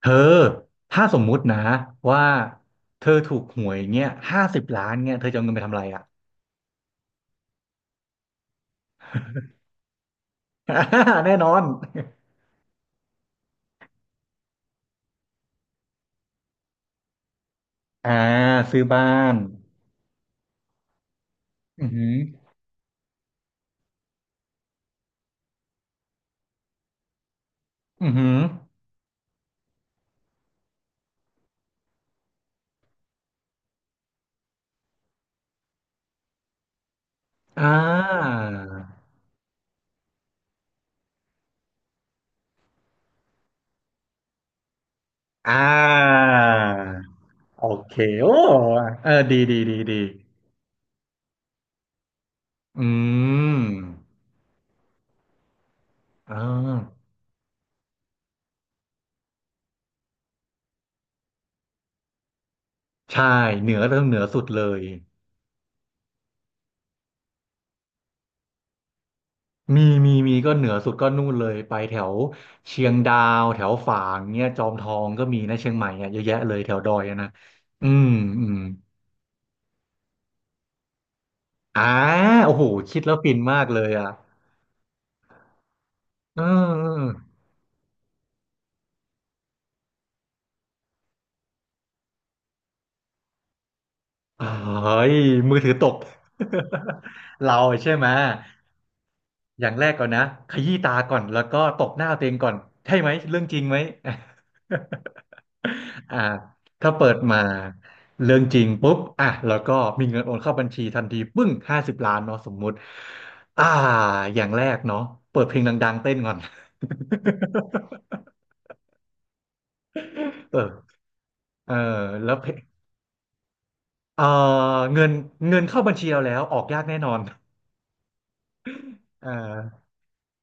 เธอถ้าสมมุตินะว่าเธอถูกหวยเงี้ยห้าสิบล้านเงี้ยเธอจะเอาเงินไปทำอะไรอ่ะ แน่นอนอ่าซื้อบ้านอือหืออือหืออ่าอ่าโอเคโอ้เออดีดีดีดีอืมอ่าใช่เหนือเรื่องเหนือสุดเลย มีมีก็เหนือสุดก็นู่นเลยไปแถวเชียงดาวแถวฝางเนี้ยจอมทองก็มีนะเชียงใหม่เนี่ยเยอะแยะเลยแถวดอยอะนะอืมอืมอ่าโอ้โหคิดแล้วฟินมากเลยอ่ะเออเออเฮ้ยมือถือตก เราใช่ไหมอย่างแรกก่อนนะขยี้ตาก่อนแล้วก็ตบหน้าตัวเองก่อนใช่ไหมเรื่องจริงไหม อ่าถ้าเปิดมาเรื่องจริงปุ๊บอ่ะแล้วก็มีเงินโอนเข้าบัญชีทันทีปึ้งห้าสิบล้านเนาะสมมุติอ่าอย่างแรกเนาะเปิดเพลงดังๆเต้นก่อน เออเออแล้วเพเออเงินเงินเข้าบัญชีเราแล้วออกยากแน่นอนเออ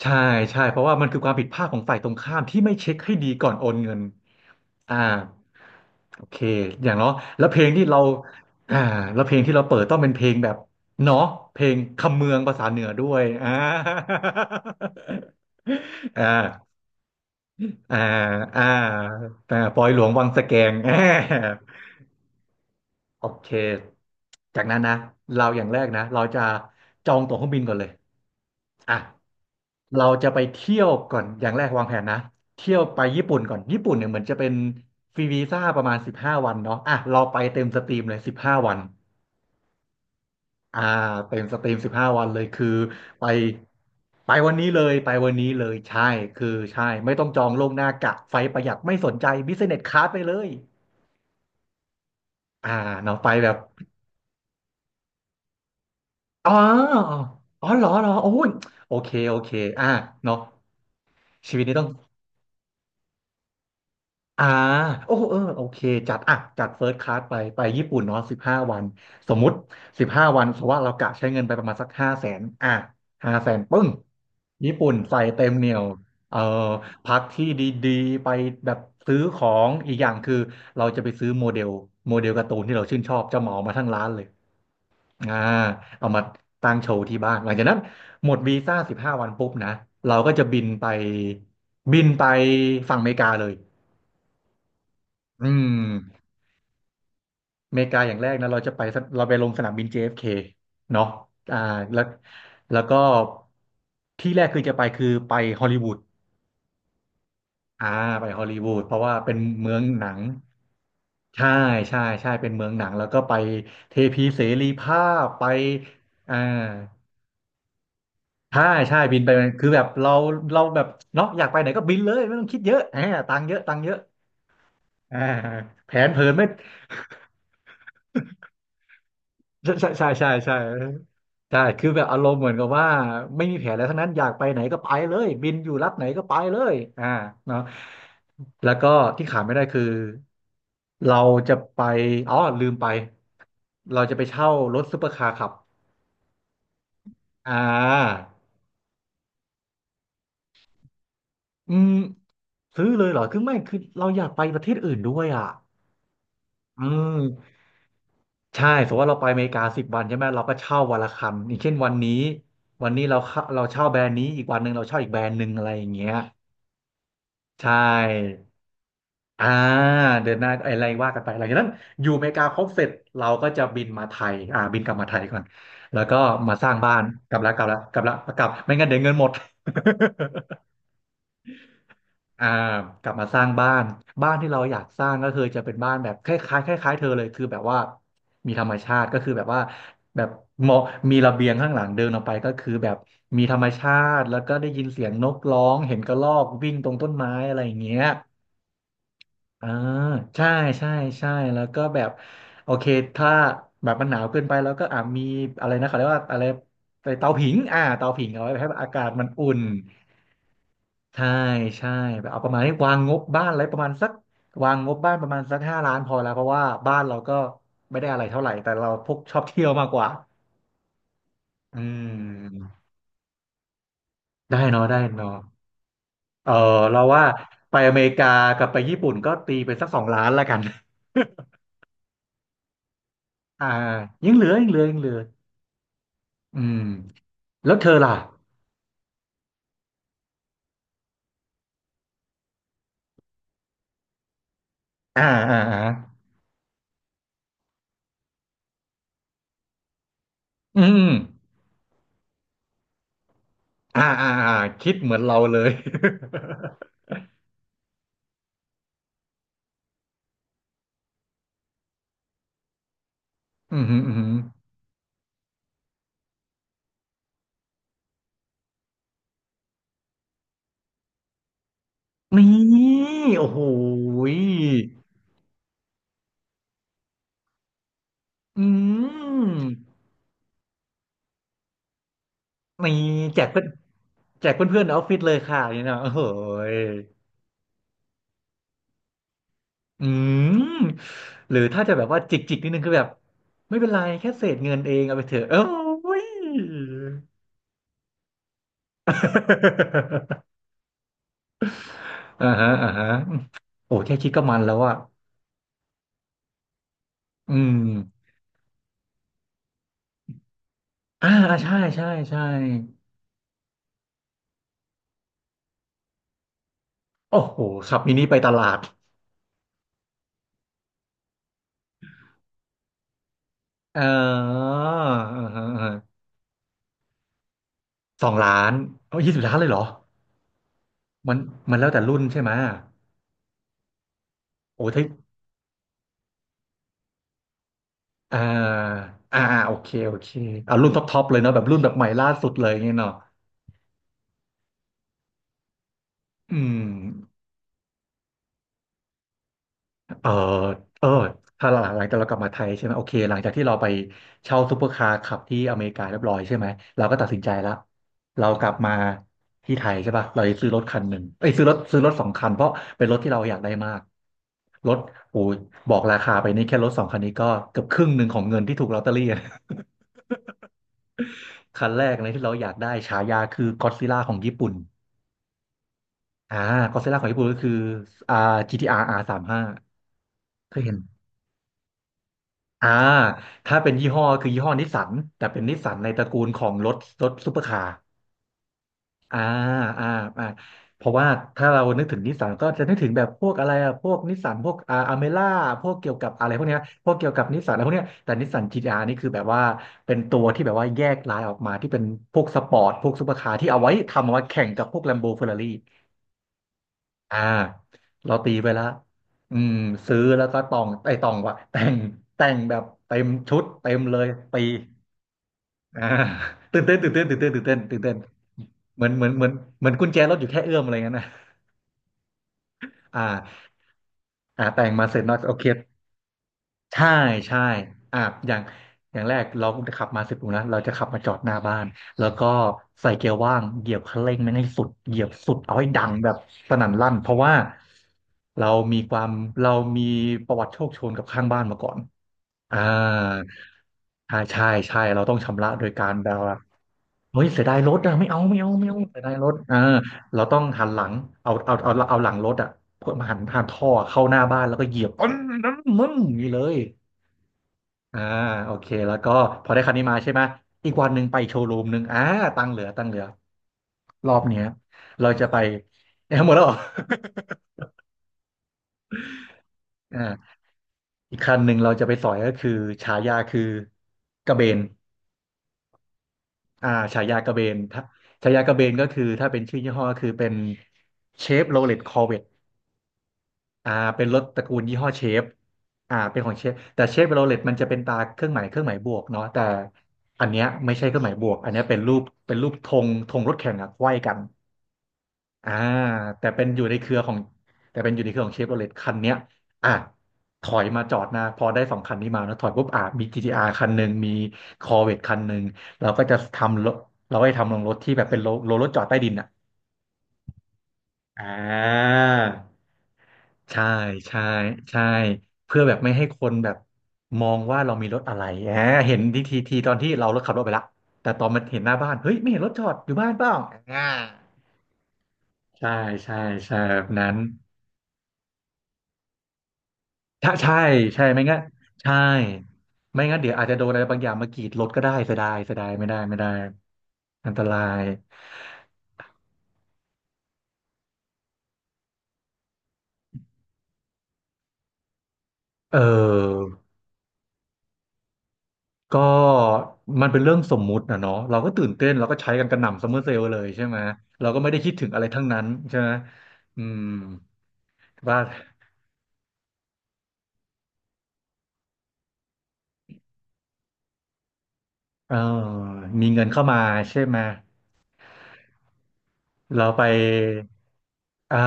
ใช่ใช่เพราะว่ามันคือความผิดพลาดของฝ่ายตรงข้ามที่ไม่เช็คให้ดีก่อนโอนเงินอ่า โอเคอย่างเนาะแล้วเพลงที่เราอ่าแล้วเพลงที่เราเปิดต้องเป็นเพลงแบบเนาะเพลงคำเมืองภาษาเหนือด้วยอ่าอ่าอ่าอ่าอ่าปอยหลวงวังสะแกงอ่าโอเคจากนั้นนะเราอย่างแรกนะเราจะจองตั๋วเครื่องบินก่อนเลยอ่ะเราจะไปเที่ยวก่อน อย่างแรกวางแผนนะ เที่ยวไปญี่ปุ่นก่อน ญี่ปุ่นเนี่ยเหมือนจะเป็นฟรีวีซ่าประมาณสิบห้าวันเนาะอ่ะเราไปเต็มสตรีมเลยสิบห้าวัน อ่าเต็มสตรีมสิบห้าวันเลยคือไปไปวันนี้เลยไปวันนี้เลยใช่คือใช่ไม่ต้องจองล่วงหน้ากะไฟประหยัดไม่สนใจบิสเนสค a าสไปเลยอ่าเนาะไปแบบอ๋ออ๋อเหรอเหรอโอ้ยโอเคโอเคอ่าเนาะชีวิตนี้ต้อง อ่าโอ้เออโอเคจัดอ่ะจัดเฟิร์สคลาสไปไปญี่ปุ่นเนาะสิบห้าวันสมมุติสิบห้าวันเพราะว่าเรากะใช้เงินไปประมาณสักห้าแสนอ่ะห้าแสนปึ้งญี่ปุ่นใส่เต็มเหนียวเอ่อพักที่ดีๆไปแบบซื้อของอีกอย่างคือเราจะไปซื้อโมเดลโมเดลการ์ตูนที่เราชื่นชอบจะเหมามาทั้งร้านเลยอ่าเอามาตั้งโชว์ที่บ้านหลังจากนั้นหมดวีซ่าสิบห้าวันปุ๊บนะเราก็จะบินไปฝั่งอเมริกาเลยอืม อเมริกาอย่างแรกนะเราจะไปสเราไปลงสนามบิน JFK เอฟเคเนาะอ่าแล้วแล้วก็ที่แรกคือจะไปคือไปฮอลลีวูดอ่าไปฮอลลีวูดเพราะว่าเป็นเมืองหนังใช่ใช่ใช่เป็นเมืองหนังแล้วก็ไปเทพีเสรีภาพไปอ่าใช่ใช่บินไปคือแบบเราเราแบบเนาะอยากไปไหนก็บินเลยไม่ต้องคิดเยอะแหมตังค์เยอะตังค์เยอะอ่าแผนเผินไม่ ใช่ใช่ใช่ใช่ใช่คือแบบอารมณ์เหมือนกับว่าไม่มีแผนอะไรทั้งนั้นอยากไปไหนก็ไปเลยบินอยู่รัฐไหนก็ไปเลยอ่าเนาะแล้วก็ที่ขาดไม่ได้คือเราจะไปอ๋อลืมไปเราจะไปเช่ารถซุปเปอร์คาร์ขับอ่าอืมซื้อเลยเหรอคือไม่คือเราอยากไปประเทศอื่นด้วยอ่ะอืม ใช่สมมติว่าเราไปอเมริกา10 วันใช่ไหมเราก็เช่าวันละคันอย่างเช่นวันนี้วันนี้เราเข้าเราเช่าแบรนด์นี้อีกวันหนึ่งเราเช่าอีกแบรนด์หนึ่งอะไรอย่างเงี้ยใช่อ่าเดือนหน้าอะไรว่ากันไปหลังจากนั้นอยู่อเมริกาครบเสร็จเราก็จะบินมาไทยอ่าบินกลับมาไทยก่อนแล้วก็มาสร้างบ้านกลับแล้วกลับแล้วกลับแล้วกลับไม่งั้นเดี๋ยวเงินหมด อ่ากลับมาสร้างบ้านบ้านที่เราอยากสร้างก็คือจะเป็นบ้านแบบคล้ายๆคล้ายๆเธอเลยคือแบบว่ามีธรรมชาติก็คือแบบว่าแบบมองมีระเบียงข้างหลังเดินออกไปก็คือแบบมีธรรมชาติแล้วก็ได้ยินเสียงนกร้องเห็นกระรอกวิ่งตรงต้นไม้อะไรอย่างเงี้ยอ่าใช่ใช่ใช่แล้วก็แบบโอเคถ้าแบบมันหนาวเกินไปแล้วก็อ่ามีอะไรนะเขาเรียกว่าอะไรไปเตาผิงอ่าเตาผิงเอาไว้ให้อากาศมันอุ่น ใช่ใช่แบบเอาประมาณนี้วางงบบ้านอะไรประมาณสักวางงบบ้านประมาณสักห้าล้านพอแล้วเพราะว่าบ้านเราก็ไม่ได้อะไรเท่าไหร่แต่เราพวกชอบเที่ยวมากกว่าอืมได้เนาะได้เนาะเออเราว่าไปอเมริกากับไปญี่ปุ่นก็ตีไปสักสองล้านแล้วกัน อ่ายังเหลือยังเหลือยังเหลืออืมแล้วเธอล่ะอ่าอ่าอ่าอืมอืมอ่าอ่าอ่าคิดเหมือนเราเลย อืมอืมอืมนี่โอ้โห อืมมีแจกเพื่อนแจกเพื่อนๆในออฟฟิศเลยค่ะนี่นะโอ้โหยอืมหรือถ้าจะแบบว่าจิกจิกนิดนึงคือแบบไม่เป็นไรแค่เศษเงินเองเอาไปเถอะเอ้ยอ่าฮะอ่าฮะโอ้แค่คิดก็มันแล้วอะอืมอ่าใช่ใช่ใช่โอ้โหขับมินิไปตลาดเอออ่าฮะอ่าฮะสองล้านเอายี่สิบล้านเลยเหรอมันมันแล้วแต่รุ่นใช่ไหมโอ้ถ้า อ่าอ่าโอเคโอเคอ่ารุ่นท็อปท็อปเลยเนาะแบบรุ่นแบบใหม่ล่าสุดเลยอย่างเงี้ยเนาะอืมเออเออถ้าหลังหลังจากเรากลับมาไทยใช่ไหมโอเคหลังจากที่เราไปเช่าซูเปอร์คาร์ขับที่อเมริกาเรียบร้อยใช่ไหมเราก็ตัดสินใจแล้วเรากลับมาที่ไทยใช่ป่ะเราจะซื้อรถคันหนึ่งเอ้ยซื้อรถซื้อรถสองคันเพราะเป็นรถที่เราอยากได้มากรถโอ้ยบอกราคาไปนี่แค่รถสองคันนี้ก็เกือบครึ่งหนึ่งของเงินที่ถูกลอตเตอรี่อะ คันแรกเลยที่เราอยากได้ฉายาคือก็อดซิลล่าของญี่ปุ่น อ่าก็อดซิลล่าของญี่ปุ่นก็คืออ่า GTR R35 เคยเห็นอ่าถ้าเป็นยี่ห้อคือยี่ห้อนิสสันแต่เป็นนิสสันในตระกูลของรถรถซูเปอร์คาร์อ่าอ่าอ่าเพราะว่าถ้าเรานึกถึงนิสสันก็จะนึกถึงแบบพวกอะไรอะพวกนิสสันพวกอเมล่าพวกเกี่ยวกับอะไรพวกเนี้ยพวกเกี่ยวกับนิสสันอะไรพวกเนี้ยแต่นิสสัน GTR นี่คือแบบว่าเป็นตัวที่แบบว่าแยกลายออกมาที่เป็นพวกสปอร์ตพวกซูเปอร์คาร์ที่เอาไว้ทำเอาไว้แข่งกับพวกแลมโบเฟอร์รารี่ อ่าเราตีไปแล้วอืมซื้อแล้วก็ตองไอ้ตองวะแต่งแต่งแบบเต็มชุดเต็มเลยตีอ่าตื่นเต้นตื่นเต้นตื่นเต้นตื่นเต้นตื่นเต้นเหมือนเหมือนเหมือนเหมือนกุญแจรถอยู่แค่เอื้อมอะไรเงี้ยนะอ่าอ่าแต่งมาเสร็จเนอะโอเค ใช่ใช่อ่ะอย่างอย่างแรกเราขับมาสิบโลนะเราจะขับมาจอดหน้าบ้านแล้วก็ใส่เกียร์ว่างเหยียบคันเร่งมันให้สุดเหยียบสุดเอาให้ดังแบบสนั่นลั่นเพราะว่าเรามีความเรามีประวัติโชคโชนกับข้างบ้านมาก่อนอ่าใช่ใช่ใช่ เราต้องชำระโดยการแบบว่าเฮ้ยเสียดายรถอะไม่เอาไม่เอาไม่เอาเสียดายรถอ่าเราต้องหันหลังเอาเอาเอาเอาหลังรถอะหันหันท่อเข้าหน้าบ้านแล้วก็เหยียบปึ้งนั่นมอย่างนี่เลย อ่าโอเคแล้วก็พอได้คันนี้มาใช่ไหมอีกวันหนึ่งไปโชว์รูมหนึ่งอ่าตังค์เหลือตังค์เหลือรอบเนี้ยเราจะไป เอ้ยหมดแล้วเหรอ อ่าอีกคันหนึ่งเราจะไปสอยก็คือฉายาคือกระเบนอ่าฉายากระเบนถ้าฉายากระเบนก็คือถ้าเป็นชื่อยี่ห้อก็คือเป็นเชฟโรเลตคอร์เว อ่าเป็นรถตระกูลยี่ห้อเชฟอ่าเป็นของเชฟแต่เชฟโรเลตมันจะเป็นตาเครื่องหมายเครื่องหมายบวกเนาะแต่อันเนี้ยไม่ใช่เครื่องหมายบวกอันเนี้ยเป็นรูปเป็นรูปธงธงรถแข่งอะไขว้กันอ่าแต่เป็นอยู่ในเครือของแต่เป็นอยู่ในเครือของเชฟโรเลตคันเนี้ยอ่ะถอยมาจอดหนะพอได้สองคันนี้มานะถอยปุ๊บอ่ะมี GTR คันหนึ่งมี Corvette คันหนึ่งเราก็จะทำรถเราก็จะทำลงรถที่แบบเป็นโลโลรถจอดใต้ดินอ่ะอ่า ใช่ใช่ใช่เพื่อแบบไม่ให้คนแบบมองว่าเรามีรถอะไรแหมเห็นทีทีทีตอนที่เรารถขับรถไปละแต่ตอนมันเห็นหน้าบ้านเฮ้ยไม่เห็นรถจอดอยู่บ้านเปล่าอ่าใช่ใช่ใช่แบบนั้นถ้าใช่ใช่ไม่งั้นใช่ไม่งั้นเดี๋ยวอาจจะโดนอะไรบางอย่างมากรีดรถก็ได้เสียดายเสียดายไม่ได้ไม่ได้อันตรายเออ ก็มันเป็นเรื่องสมมุตินะเนาะเราก็ตื่นเต้นเราก็ใช้กันกระหน่ำซัมเมอร์เซลล์เลยใช่ไหมเราก็ไม่ได้คิดถึงอะไรทั้งนั้นใช่ไหมอืมว่าเออมีเงินเข้ามาใช่ไหมเราไปอ่า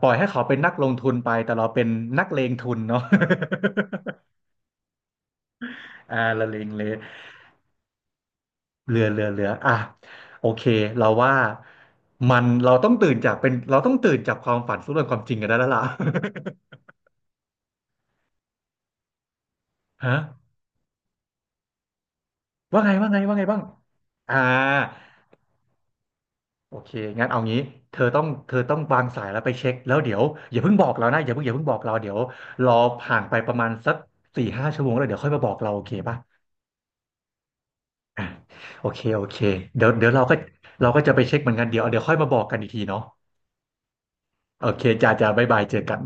ปล่อยให้เขาเป็นนักลงทุนไปแต่เราเป็นนักเลงทุนเนาะ อ่าละเลงเลเรือเรือเรืออ่ะโอเคเราว่ามันเราต้องตื่นจากเป็นเราต้องตื่นจากความฝันสู่เรื่องความจริงกันได้แล้วล่ะ ฮะ ว่าไงว่าไงว่าไงบ้างอ่าโอเคงั้นเอางี้เธอต้องเธอต้องวางสายแล้วไปเช็คแล้วเดี๋ยวอย่าเพิ่งบอกเรานะอย่าเพิ่งอย่าเพิ่งบอกเราเดี๋ยวรอผ่านไปประมาณสักสี่ห้าชั่วโมงแล้วเดี๋ยวค่อยมาบอกเราโอเคป่ะอ่าโอเคโอเคเดี๋ยวเดี๋ยวเราก็เราก็จะไปเช็คเหมือนกันเดี๋ยวเดี๋ยวค่อยมาบอกกันอีกทีเนาะโอเคจ้าจ้าบ๊ายบายเจอกัน